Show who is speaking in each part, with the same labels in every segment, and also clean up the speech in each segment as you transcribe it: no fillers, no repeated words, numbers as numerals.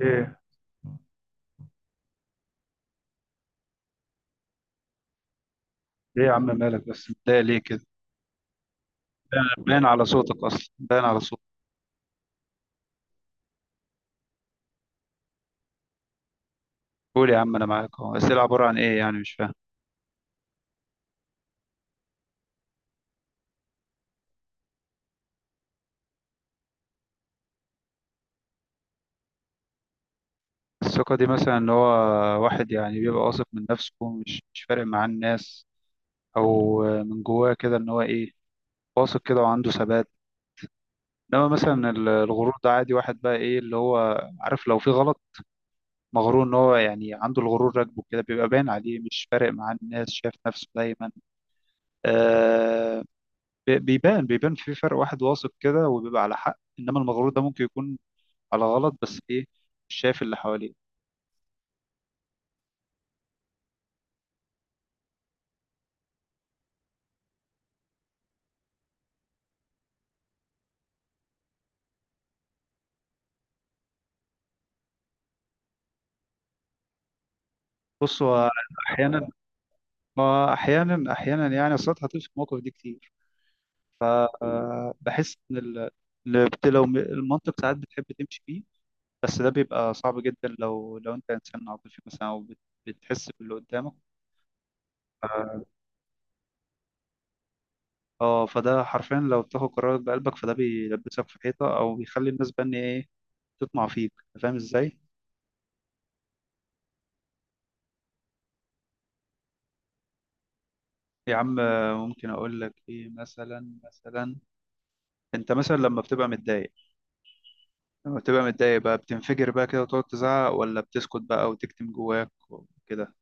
Speaker 1: ايه ايه يا عم، مالك؟ بس متضايق ليه كده؟ باين على صوتك اصلا، باين على صوتك. قول يا عم، انا معاك اهو. الاسئله عباره عن ايه يعني؟ مش فاهم. الثقه دي مثلا ان هو واحد يعني بيبقى واثق من نفسه، مش فارق معاه الناس، او من جواه كده ان هو ايه، واثق كده وعنده ثبات. انما مثلا الغرور ده عادي، واحد بقى ايه اللي هو، عارف، لو في غلط مغرور ان هو يعني عنده الغرور راكبه كده بيبقى باين عليه، مش فارق معاه الناس، شايف نفسه دايما. آه، بيبان في فرق، واحد واثق كده وبيبقى على حق، انما المغرور ده ممكن يكون على غلط، بس ايه، مش شايف اللي حواليه. بص هو احيانا آه، احيانا احيانا يعني، اصل أنت هتقف في المواقف دي كتير، فبحس ان لو المنطق ساعات بتحب تمشي فيه، بس ده بيبقى صعب جدا، لو انت انسان عاطفي مثلا او بتحس باللي قدامك. ف- اه فده حرفيا لو بتاخد قرارات بقلبك فده بيلبسك في حيطه، او بيخلي الناس بقى إن ايه، تطمع فيك. أنت فاهم ازاي؟ يا عم، ممكن اقول لك ايه مثلا. انت مثلا لما بتبقى متضايق بقى بتنفجر بقى كده وتقعد تزعق، ولا بتسكت بقى وتكتم جواك وكده؟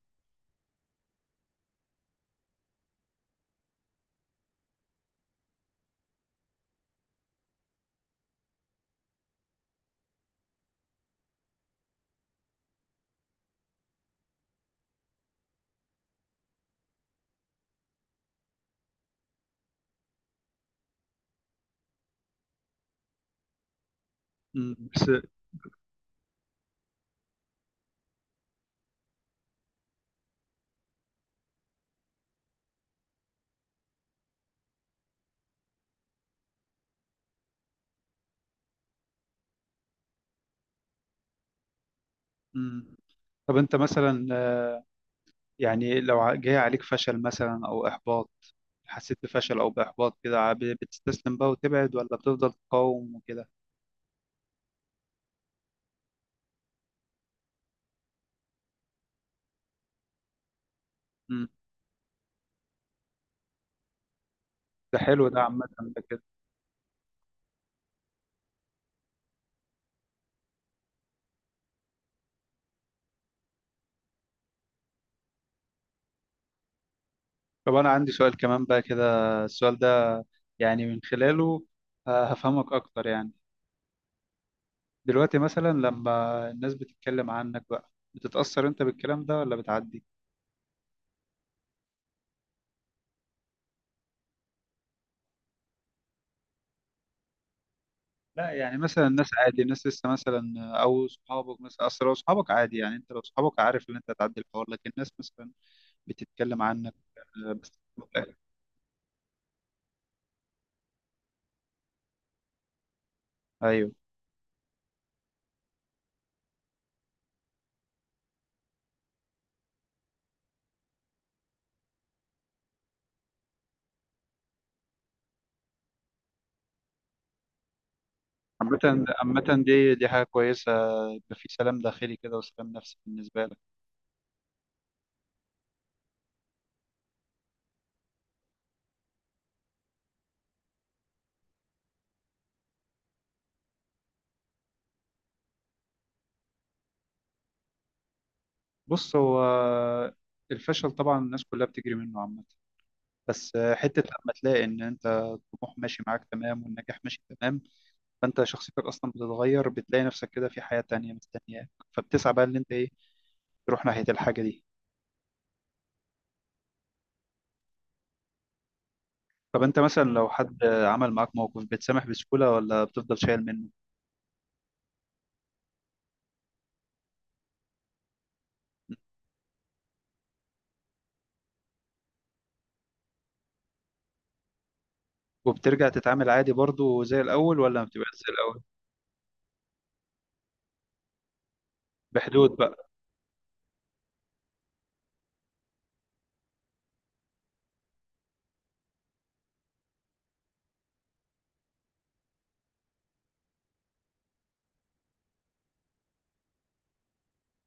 Speaker 1: مم، بس. مم. طب انت مثلا، يعني لو جاي عليك فشل مثلا او احباط، حسيت بفشل او باحباط كده، بتستسلم بقى وتبعد، ولا بتفضل تقاوم وكده؟ مم. ده حلو، ده عامة ده كده. طب انا عندي سؤال كمان بقى كده، السؤال ده يعني من خلاله هفهمك اكتر يعني. دلوقتي مثلا لما الناس بتتكلم عنك بقى، بتتأثر انت بالكلام ده ولا بتعدي؟ لا يعني مثلا الناس، عادي الناس لسه مثلا، او صحابك مثلا، اصل لو صحابك عادي يعني، انت لو صحابك عارف ان انت هتعدي الحوار، لكن الناس مثلا بتتكلم عنك. بس ايوه، عامة. دي حاجة كويسة، يبقى في سلام داخلي كده وسلام نفسي بالنسبة لك. بص هو الفشل طبعا الناس كلها بتجري منه عامة، بس حتة لما تلاقي إن أنت الطموح ماشي معاك تمام والنجاح ماشي تمام، فانت شخصيتك اصلا بتتغير، بتلاقي نفسك كده في حياة تانية مستنياك، فبتسعى بقى ان انت ايه، تروح ناحية الحاجة دي. طب انت مثلا لو حد عمل معاك موقف، بتسامح بسهولة ولا بتفضل شايل منه؟ وبترجع تتعامل عادي برضو زي الاول، ولا ما بتبقاش زي الاول؟ بحدود بقى.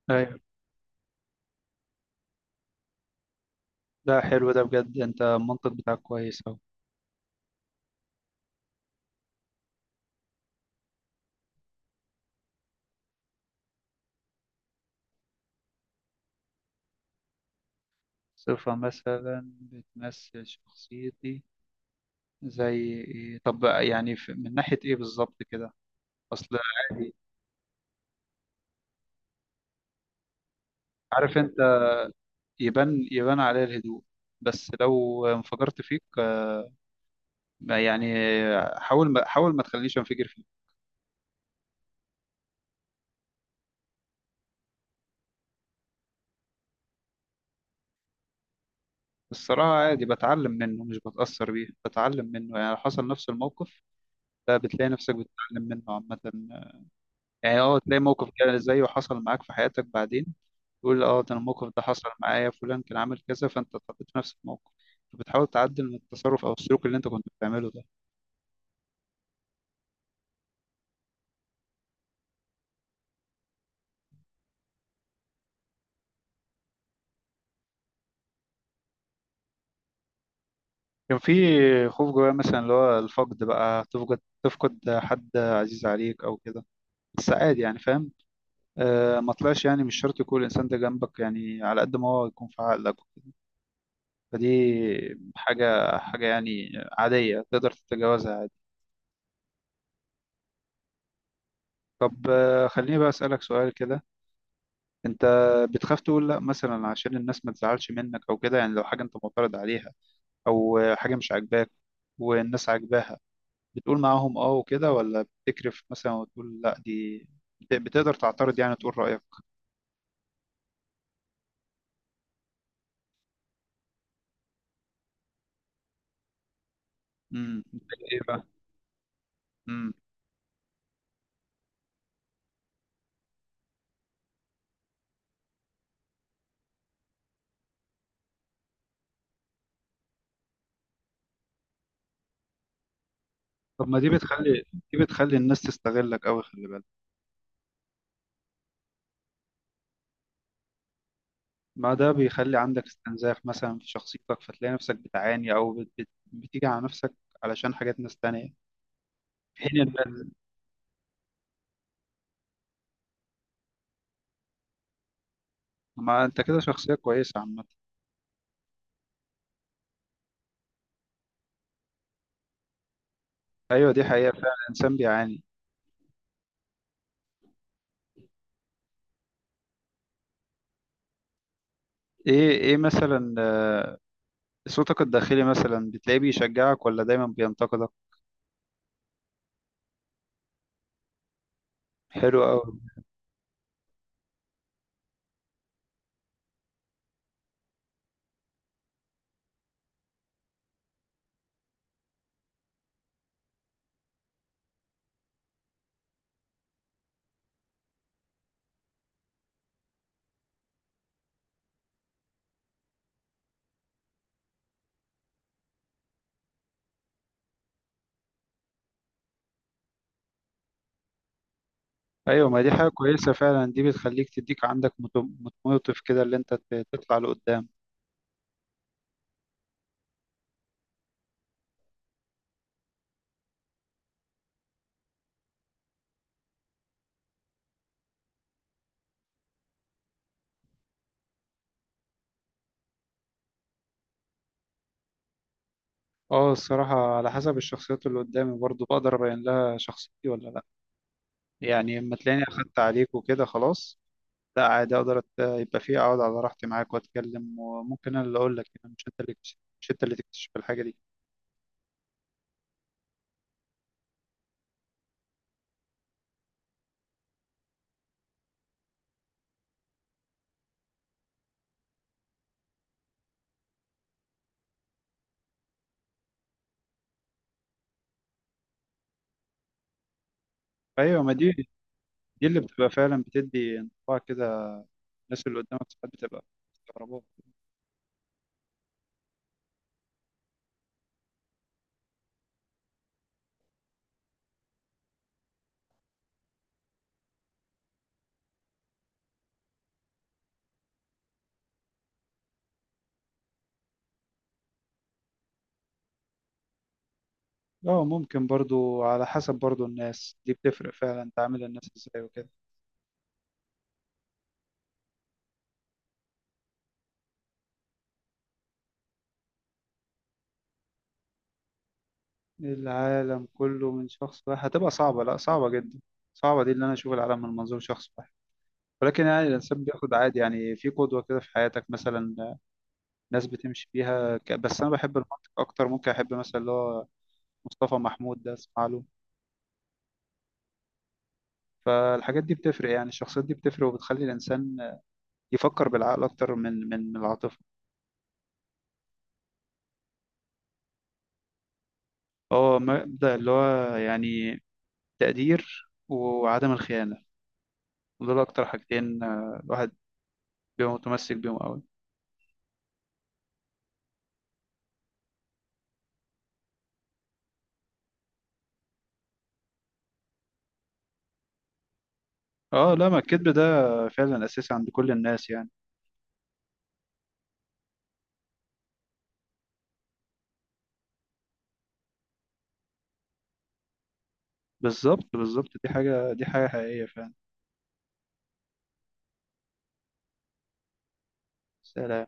Speaker 1: ايوه، ده حلو ده بجد، انت المنطق بتاعك كويس اهو. صفة مثلا بتمثل شخصيتي زي ايه؟ طب بقى يعني من ناحية ايه بالظبط كده؟ اصل عادي. عارف انت، يبان عليها الهدوء، بس لو انفجرت فيك يعني، حاول ما تخليش انفجر فيه. الصراحة عادي، بتعلم منه مش بتأثر بيه، بتعلم منه يعني لو حصل نفس الموقف، لا بتلاقي نفسك بتتعلم منه عامة، يعني اه تلاقي موقف كده زيه حصل معاك في حياتك بعدين، تقول اه ده، أنا الموقف ده حصل معايا، فلان كان عامل كذا، فانت اتحطيت في نفس الموقف فبتحاول تعدل من التصرف او السلوك اللي انت كنت بتعمله ده. كان في خوف جوايا مثلا اللي هو الفقد بقى، تفقد حد عزيز عليك او كده، بس عادي يعني، فاهم؟ آه، ما طلعش، يعني مش شرط يكون الإنسان ده جنبك، يعني على قد ما هو يكون في عقلك وكده، فدي حاجة يعني، عادية، تقدر تتجاوزها عادي. طب خليني بقى أسألك سؤال كده. أنت بتخاف تقول لأ مثلا عشان الناس ما تزعلش منك أو كده؟ يعني لو حاجة أنت معترض عليها، أو حاجة مش عاجباك والناس عاجباها، بتقول معاهم أه وكده، ولا بتكرف مثلا وتقول لأ؟ دي بتقدر تعترض يعني، تقول رأيك؟ امم إيه بقى؟ مم. طب ما دي بتخلي الناس تستغلك أوي، خلي بالك. ما ده بيخلي عندك استنزاف مثلا في شخصيتك، فتلاقي نفسك بتعاني أو بتيجي على نفسك علشان حاجات ناس تانية، في حين إن، ما أنت كده شخصية كويسة عامة. أيوة دي حقيقة فعلا، الإنسان بيعاني. إيه، مثلا، صوتك الداخلي مثلا بتلاقيه بيشجعك ولا دايما بينتقدك؟ حلو أوي. أيوة ما دي حاجة كويسة فعلا، دي بتخليك تديك عندك موتيف كده اللي أنت تطلع لقدام. اه الصراحة على حسب الشخصيات اللي قدامي برضو بقدر أبين لها شخصيتي ولا لأ، يعني اما تلاقيني أخدت عليك وكده خلاص، لا عادي أقدر يبقى فيه، أقعد على راحتي معاك وأتكلم، وممكن أنا اللي أقول لك، يعني مش أنت اللي تكتشف، مش أنت اللي تكتشف الحاجة دي. أيوة ما دي اللي بتبقى فعلا، بتدي انطباع كده، الناس اللي قدامك ساعات بتبقى مستغربات. اه ممكن برضو، على حسب برضو الناس، دي بتفرق فعلا، تعامل الناس ازاي وكده. العالم كله من شخص واحد هتبقى صعبة، لأ صعبة جدا، صعبة دي اللي أنا أشوف العالم من منظور شخص واحد، ولكن يعني الإنسان بياخد عادي يعني، في قدوة كده في حياتك مثلا، ناس بتمشي بيها بس أنا بحب المنطق أكتر، ممكن أحب مثلا اللي هو مصطفى محمود ده، أسمع له. فالحاجات دي بتفرق، يعني الشخصيات دي بتفرق وبتخلي الإنسان يفكر بالعقل أكتر من العاطفة. هو مبدأ اللي هو يعني تقدير وعدم الخيانة، دول أكتر حاجتين، الواحد بيبقى متمسك بيهم أوي. اه لا، ما الكذب ده فعلا أساسي عند كل الناس يعني. بالظبط بالظبط، دي حاجة حقيقية فعلا. سلام.